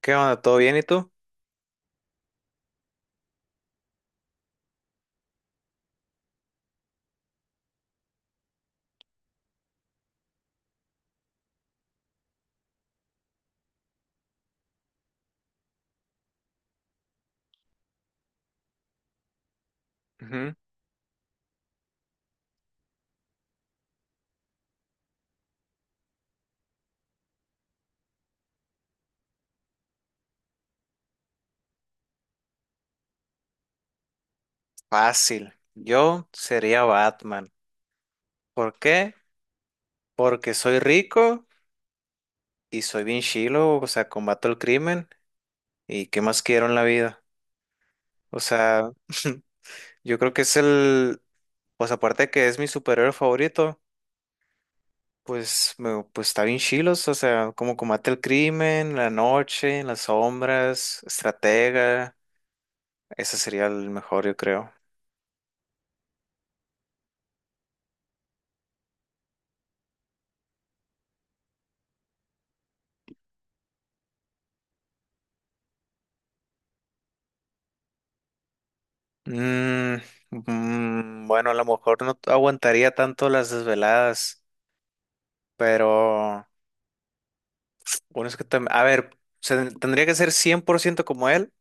¿Qué onda? ¿Todo bien y tú? Ujú. Fácil. Yo sería Batman. ¿Por qué? Porque soy rico y soy bien chilo, o sea, combato el crimen y qué más quiero en la vida. O sea, yo creo que pues aparte de que es mi superhéroe favorito, pues está bien chilos, o sea, como combate el crimen, la noche, las sombras, estratega, ese sería el mejor, yo creo. Mm, bueno, a lo mejor no aguantaría tanto las desveladas, pero bueno, es que a ver, tendría que ser 100% como él,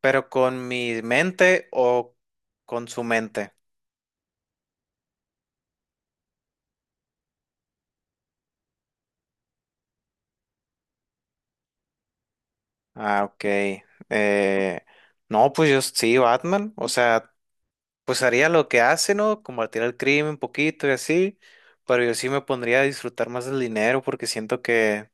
pero con mi mente o con su mente. Ah, ok. Eh, no, pues yo sí, Batman, o sea, pues haría lo que hace, ¿no? Combatir el crimen un poquito y así, pero yo sí me pondría a disfrutar más del dinero porque siento que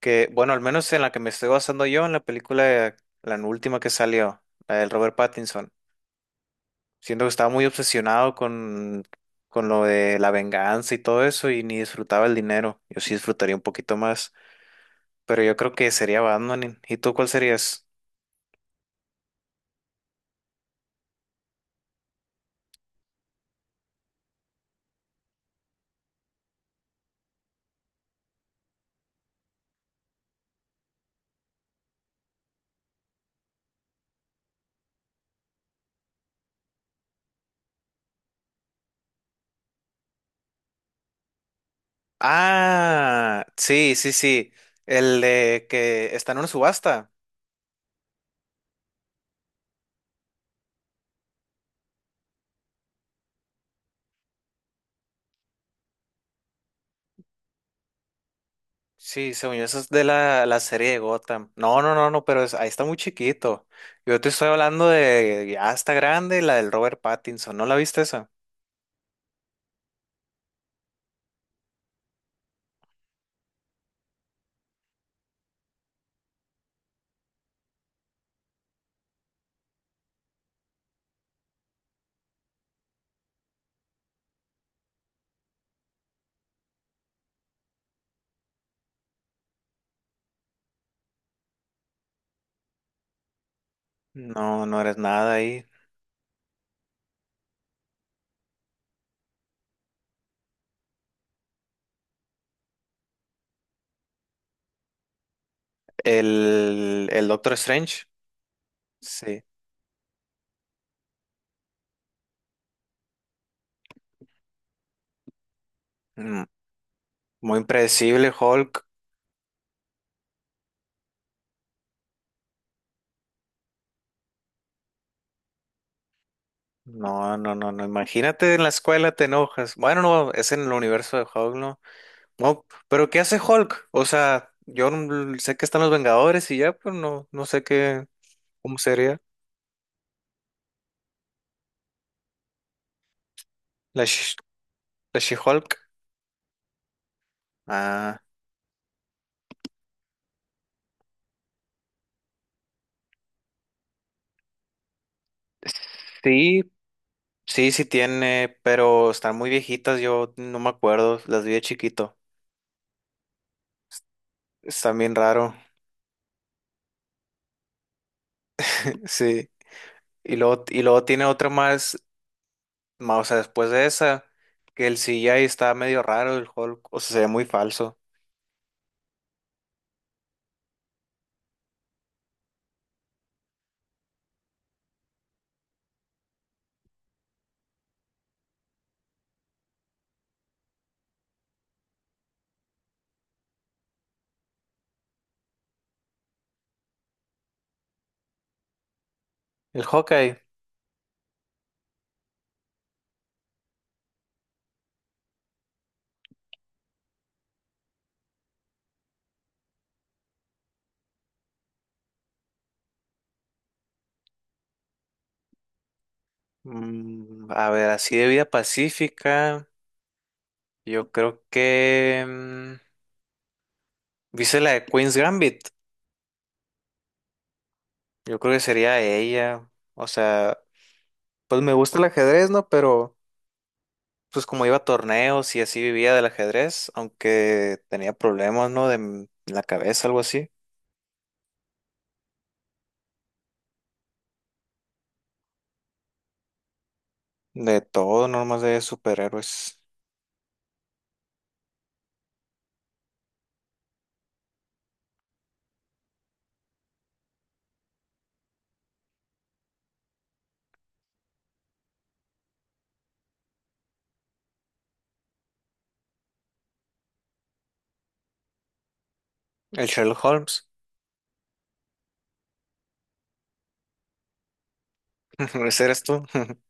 Que, bueno, al menos en la que me estoy basando yo, en la película, la última que salió, la del Robert Pattinson. Siento que estaba muy obsesionado con lo de la venganza y todo eso y ni disfrutaba el dinero. Yo sí disfrutaría un poquito más, pero yo creo que sería Batman. ¿Y tú cuál serías? Ah, sí, sí, sí. El de que está en una subasta. Sí, según yo, eso es de la serie de Gotham. No, no, no, no, pero ahí está muy chiquito. Yo te estoy hablando de ya está grande, la del Robert Pattinson. ¿No la viste esa? No, no eres nada ahí. El Doctor Strange. Sí. Mm, muy impredecible, Hulk. No, no, no, no. Imagínate en la escuela te enojas. Bueno, no, es en el universo de Hulk, ¿no? No, pero ¿qué hace Hulk? O sea, yo no- sé que están los Vengadores y ya, pero no, no sé qué, cómo sería la, Sh- la She-Hulk. Ah, sí, sí, sí tiene, pero están muy viejitas, yo no me acuerdo, las vi de chiquito. Están bien raro, sí. Y luego tiene otra más, o sea, después de esa, que el CGI está medio raro, el Hulk, o sea, se ve muy falso. El Hawkeye, mm, a ver, así de vida pacífica, yo creo que... mm, ¿viste la de Queen's Gambit? Yo creo que sería ella, o sea, pues me gusta el ajedrez, ¿no? Pero... pues como iba a torneos y así vivía del ajedrez, aunque tenía problemas, ¿no? De la cabeza, algo así. De todo, no más de superhéroes. El Sherlock Holmes, ese eres tú.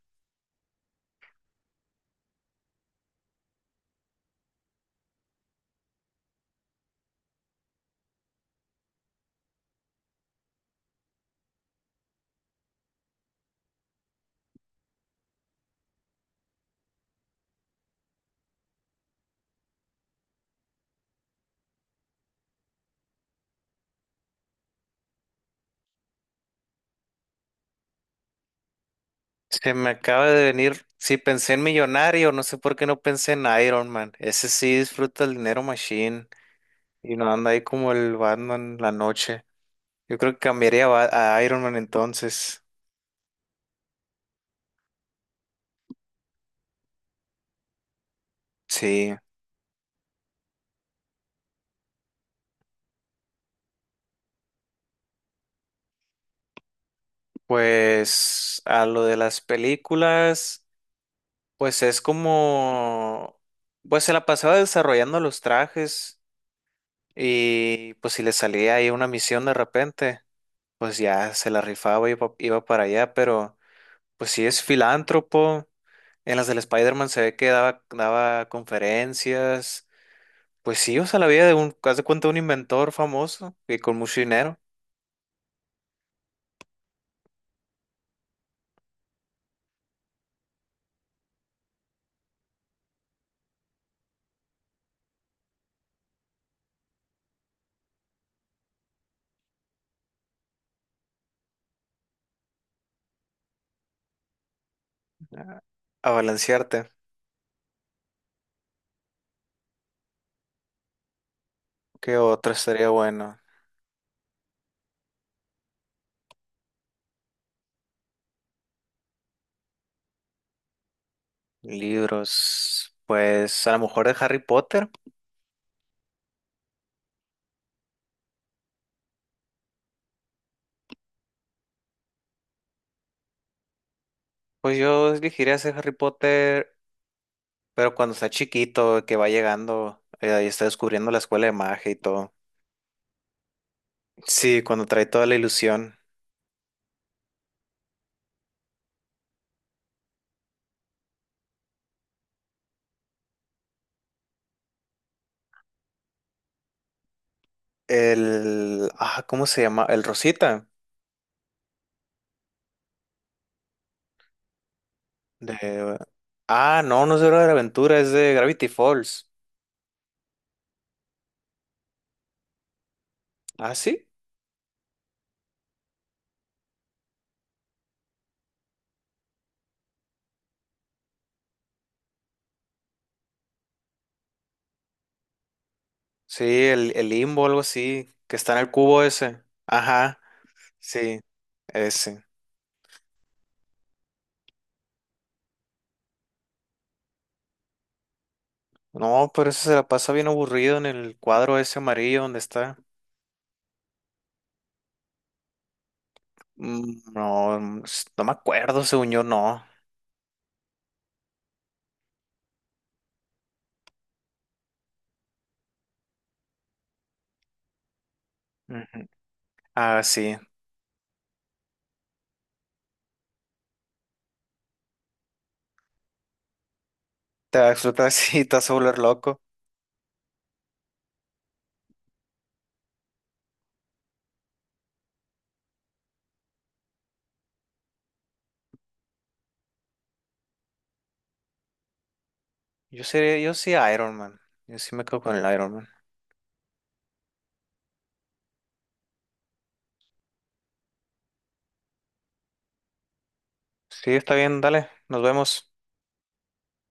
Se me acaba de venir, sí pensé en Millonario, no sé por qué no pensé en Iron Man. Ese sí disfruta el dinero machine y no anda ahí como el Batman la noche. Yo creo que cambiaría a, a Iron Man entonces. Sí, pues a lo de las películas. Pues es como, pues se la pasaba desarrollando los trajes y pues si le salía ahí una misión de repente, pues ya se la rifaba y iba para allá, pero pues sí es filántropo, en las del Spider-Man se ve que daba conferencias, pues sí, o sea, la vida de un, haz de cuenta, un inventor famoso y con mucho dinero, a balancearte. ¿Qué otro estaría bueno? Libros, pues a lo mejor de Harry Potter. Pues yo elegiría ser Harry Potter. Pero cuando está chiquito, que va llegando, y está descubriendo la escuela de magia y todo. Sí, cuando trae toda la ilusión. El, ah, ¿cómo se llama? El Rosita. De, ah, no, no es de Hora de la Aventura, es de Gravity Falls. Ah, sí. Sí, el Limbo, algo así, que está en el cubo ese. Ajá, sí, ese. No, pero ese se la pasa bien aburrido en el cuadro ese amarillo donde está. Mm, no, mm, no me acuerdo, según yo, no. Ujú. Ah, sí. Te va a explotar si te vas a volver loco. Yo seré, yo sí Iron Man. Yo sí me quedo con el Iron Man. Sí, está bien, dale, nos vemos.